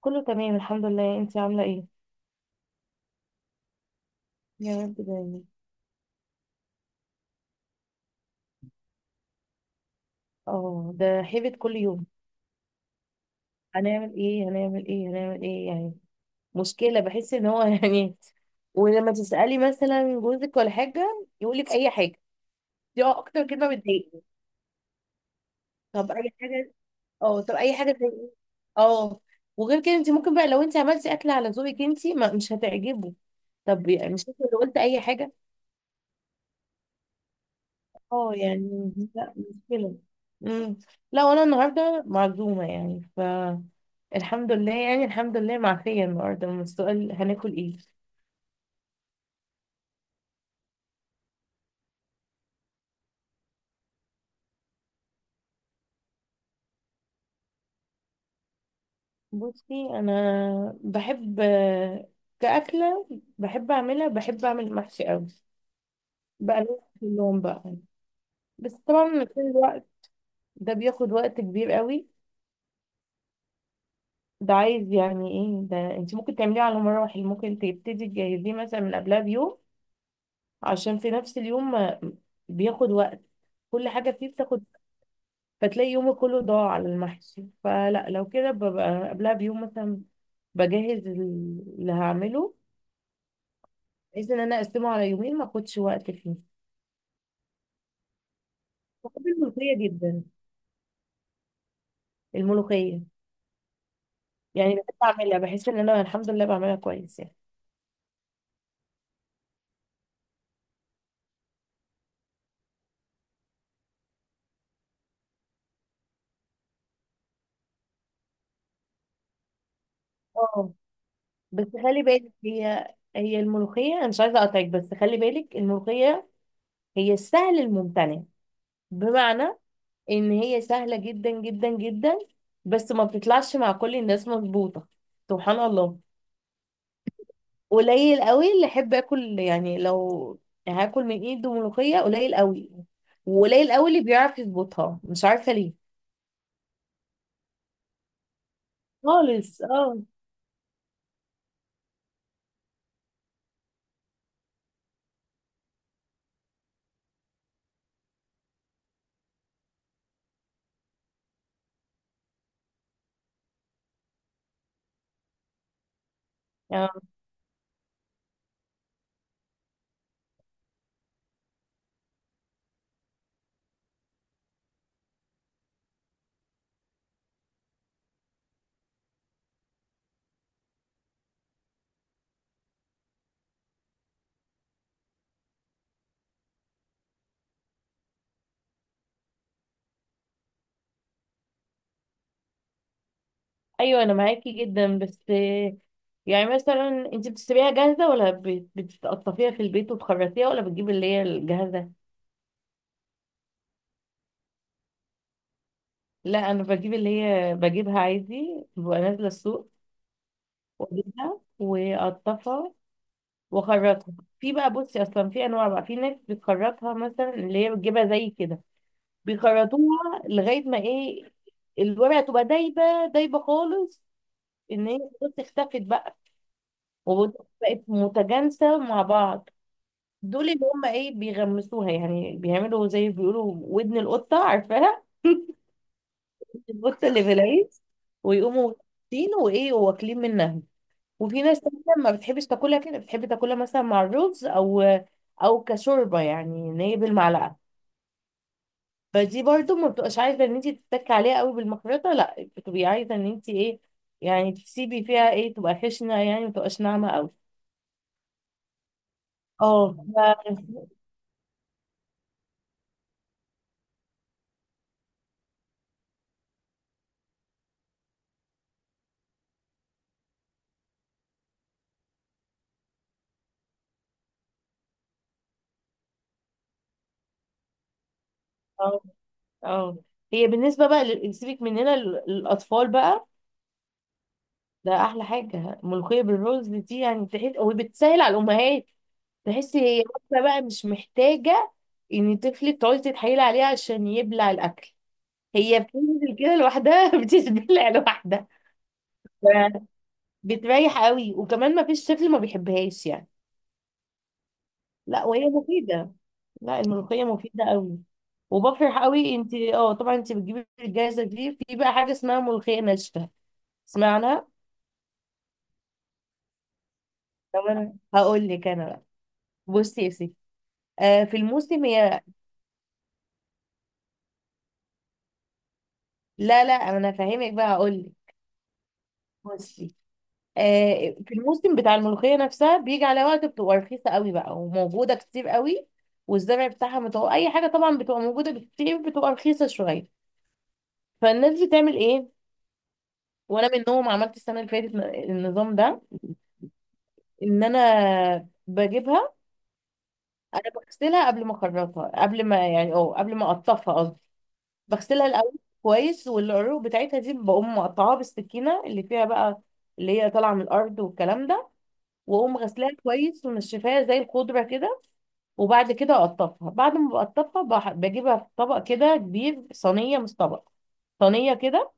كله تمام، الحمد لله. انت عامله ايه؟ يا رب دايما. اه، ده هيبت كل يوم. هنعمل ايه، هنعمل ايه، هنعمل ايه يعني؟ مشكله، بحس ان هو يعني. ولما تسالي مثلا جوزك ولا حاجه يقول لك اي حاجه. دي اكتر كلمه بتضايقني. طب اي حاجه؟ اه، طب اي حاجه زي ايه؟ اه. وغير كده، انت ممكن بقى لو انت عملتي اكل على ذوقك انت، ما مش هتعجبه. طب يعني مش انت اللي قلت اي حاجه؟ اه يعني، لا مشكلة. امم. لا، وانا النهارده معزومة يعني. الحمد لله، يعني الحمد لله معفية النهارده من السؤال هناكل ايه؟ بصي، انا بحب، كأكلة، بحب اعملها، بحب اعمل محشي قوي بقى، كلهم بقى. بس طبعا كل الوقت ده بياخد وقت كبير قوي. ده عايز يعني ايه، ده انت ممكن تعمليه على مراحل، ممكن تبتدي تجهزيه مثلا من قبلها بيوم، عشان في نفس اليوم. بياخد وقت، كل حاجة فيه بتاخد. فتلاقي يومك كله ضاع على المحشي، فلا، لو كده ببقى قبلها بيوم مثلا، بجهز اللي هعمله، بحيث ان انا اقسمه على يومين ما اخدش وقت فيه. بحب الملوخية جدا، الملوخية، يعني بحب اعملها، بحس ان انا الحمد لله بعملها كويس يعني. اه، بس خلي بالك هي الملوخية، انا مش عايزة اقطعك، بس خلي بالك الملوخية هي السهل الممتنع. بمعنى ان هي سهلة جدا جدا جدا، بس ما بتطلعش مع كل الناس مظبوطة، سبحان الله. قليل قوي اللي احب اكل، يعني لو هاكل من ايده ملوخية قليل قوي، وقليل قوي اللي بيعرف يظبطها، مش عارفة ليه. خالص اه. آه. ايوه، انا معاكي جدا بس يعني مثلا، انت بتشتريها جاهزة ولا بتقطفيها في البيت وتخرطيها، ولا بتجيب اللي هي الجاهزة؟ لا، انا بجيب اللي هي، بجيبها عادي، ببقى نازلة السوق واجيبها واقطفها واخرطها. في بقى، بصي، اصلا في انواع بقى، في ناس بتخرطها مثلا اللي هي بتجيبها زي كده، بيخرطوها لغايه ما ايه، الورقه تبقى دايبه، دايبه خالص، ان هي خلاص اختفت بقى، وبقت متجانسه مع بعض. دول اللي هم ايه، بيغمسوها يعني، بيعملوا زي بيقولوا ودن القطه، عارفاها؟ القطه اللي في العيش، ويقوموا غامسين وايه واكلين منها. وفي ناس تانية ما بتحبش تاكلها كده، بتحب تاكلها مثلا مع الرز، او او كشوربه، يعني ان هي بالمعلقه. فدي برضو ما بتبقاش عايزه ان انت تتكي عليها قوي بالمخرطه، لا بتبقي عايزه ان انت ايه، يعني تسيبي فيها ايه، تبقى خشنه يعني، ما تبقاش ناعمه قوي. اه. اه، آه. هي بالنسبه بقى سيبك مننا الاطفال بقى، ده احلى حاجه ملوخيه بالرز دي، يعني تحس، وبتسهل على الامهات. تحسي هي واحدة بقى مش محتاجه ان طفلك تقعدي تتحايلي عليه عشان يبلع الاكل. هي بتنزل كده لوحدها بتتبلع لوحدها. ف- بتريح قوي، وكمان ما فيش طفل ما بيحبهاش يعني. لا، وهي مفيده، لا الملوخيه مفيده قوي. وبفرح قوي، انت اه طبعا انت بتجيبي الجاهزه دي، في بقى حاجه اسمها ملوخيه ناشفه، اسمعنا؟ طب انا هقول لك انا بقى، بصي يا ستي، آه، في الموسم هي. لا لا، انا فاهمك بقى، هقول لك. بصي، آه، في الموسم بتاع الملوخيه نفسها بيجي على وقت بتبقى رخيصه قوي بقى، وموجوده كتير قوي، والزرع بتاعها متوقع اي حاجه طبعا، بتبقى موجوده كتير، بتبقى رخيصه شويه. فالناس بتعمل ايه؟ وانا منهم، عملت السنه اللي فاتت النظام ده، ان انا بجيبها. انا بغسلها قبل ما اخرطها، قبل ما يعني قبل ما اقطفها، بغسلها الاول كويس، والعروق بتاعتها دي بقوم مقطعاها بالسكينه اللي فيها بقى، اللي هي طالعه من الارض والكلام ده، واقوم غسلاها كويس ومنشفاها زي الخضره كده. وبعد كده اقطفها، بعد ما بقطفها بجيبها في طبق كده كبير، صينيه مش طبق، صينيه كده،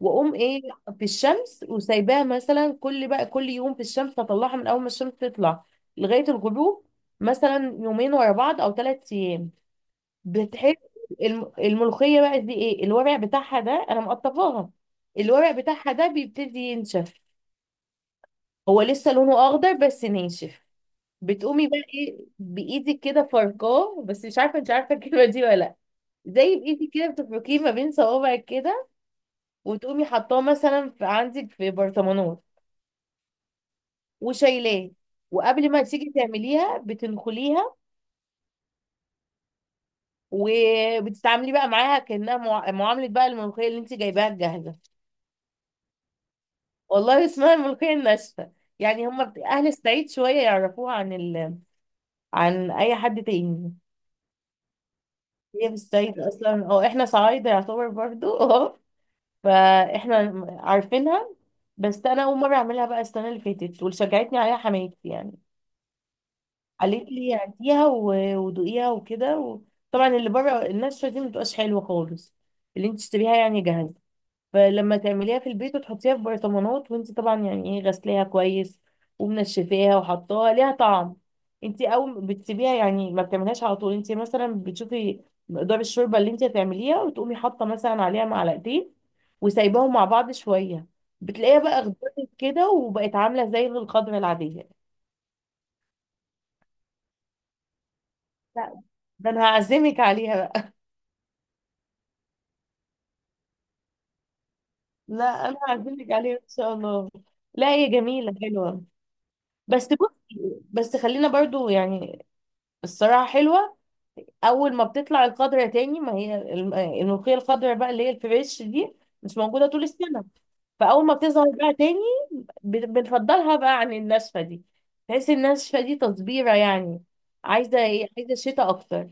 واقوم ايه، في الشمس وسايباها مثلا، كل يوم في الشمس، اطلعها من اول ما الشمس تطلع لغايه الغروب، مثلا يومين ورا بعض او 3 ايام. بتحس الملوخية بقى دي، ايه الورق بتاعها ده انا مقطفاها، الورق بتاعها ده بيبتدي ينشف، هو لسه لونه اخضر بس ناشف. بتقومي بقى ايه، بايدك كده فركاه، بس مش عارفه انت عارفه الكلمه دي ولا لا، زي بايدك كده بتفركيه ما بين صوابعك كده، وتقومي حطاه مثلا في عندك في برطمانات، وشايلاه، وقبل ما تيجي تعمليها بتنخليها، وبتتعاملي بقى معاها كأنها معاملة بقى الملوخية اللي انت جايباها جاهزة. والله اسمها الملوخية الناشفة، يعني هم أهل الصعيد شوية يعرفوها عن عن أي حد تاني. هي في الصعيد أصلا، أو إحنا صعايدة يعتبر برضو أه، فإحنا عارفينها. بس أنا أول مرة أعملها بقى السنة اللي فاتت، واللي شجعتني عليها حماتي يعني، قالت لي هاتيها ودوقيها وكده طبعا اللي بره الناشفة دي مبتبقاش حلوة خالص، اللي انت تشتريها يعني جاهزة. فلما تعمليها في البيت وتحطيها في برطمانات، وانت طبعا يعني ايه، غسلاها كويس ومنشفاها وحطاها، ليها طعم. انت اول بتسيبيها يعني، ما بتعملهاش على طول، انت مثلا بتشوفي مقدار الشوربه اللي انت هتعمليها، وتقومي حاطه مثلا عليها معلقتين، وسايباهم مع بعض شويه، بتلاقيها بقى اخضرت كده، وبقت عامله زي الخضره العاديه. لا، ده انا هعزمك عليها بقى، لا انا هعزمك عليها ان شاء الله. لا هي جميله حلوه. بس بصي، بس خلينا برضو يعني، الصراحه حلوه. اول ما بتطلع الخضره تاني، ما هي الملوخيه الخضره بقى اللي هي الفريش دي مش موجوده طول السنه. فاول ما بتظهر بقى تاني، بنفضلها بقى عن الناشفه دي، تحس الناشفه دي تصبيره يعني، عايزه ايه، عايزه شتاء اكتر.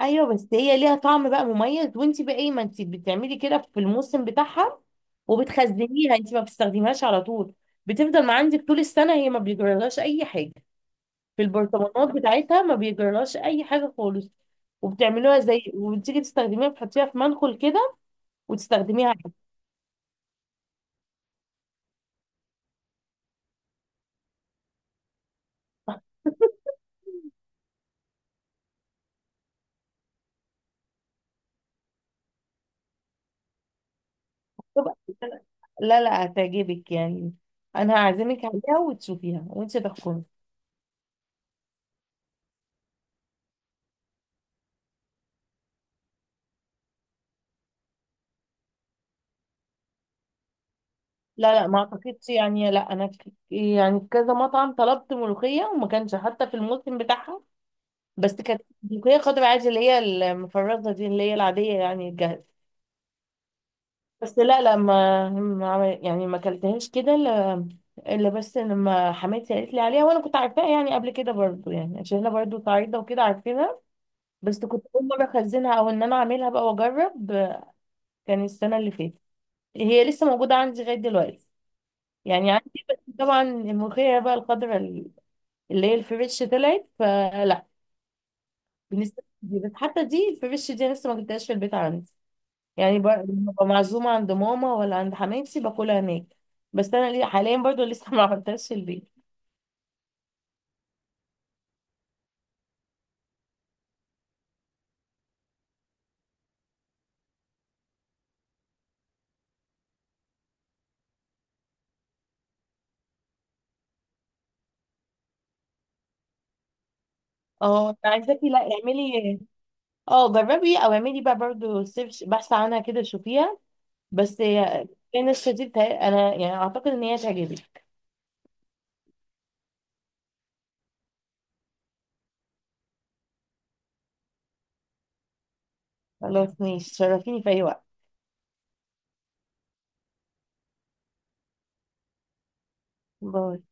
ايوه، بس هي ليها طعم بقى مميز، وانت بقى ايه، ما انت بتعملي كده في الموسم بتاعها وبتخزنيها، انت ما بتستخدميهاش على طول، بتفضل ما عندك طول السنه، هي ما بيجرالهاش اي حاجه في البرطمانات بتاعتها، ما بيجرالهاش اي حاجه خالص. وبتعملوها زي، وبتيجي تستخدميها بتحطيها في منخل كده، وتستخدميها عادي. تبقى، لا لا هتعجبك يعني، انا هعزمك عليها وتشوفيها وانت تحكمي. لا لا ما اعتقدش يعني، لا انا يعني في كذا مطعم طلبت ملوخيه، وما كانش حتى في الموسم بتاعها، بس كانت ملوخيه خضراء عادي، اللي هي المفرزه دي اللي هي العاديه يعني الجاهزه. بس لا لا، ما ما عمل- يعني ما اكلتهاش كده الا، إلا بس لما حماتي قالت لي عليها، وانا كنت عارفاها يعني قبل كده برضو، يعني عشان انا برضو صعيده وكده عارفينها. بس كنت اول مره اخزنها، او ان انا اعملها بقى واجرب، كان السنه اللي فاتت. هي لسه موجوده عندي لغايه دلوقتي، يعني عندي، بس طبعا الملوخيه بقى الخضراء اللي هي الفريش طلعت، فلا بالنسبه لي دي، بس حتى دي الفريش دي لسه ما جبتهاش في البيت عندي، يعني لما ببقى معزومة عند ماما ولا عند حماتي باكلها هناك. بس انا ليه حاليا برضو لسه ما عملتهاش في البيت. اه أنا عايزاكي، لا اعملي، اه جربي، او اعملي بقى برضو سيرش، بحث عنها كده، شوفيها. بس هي، كان الشديد، انا يعني اعتقد ان هي تعجبك. خلاص ماشي، تشرفيني في اي وقت. باي.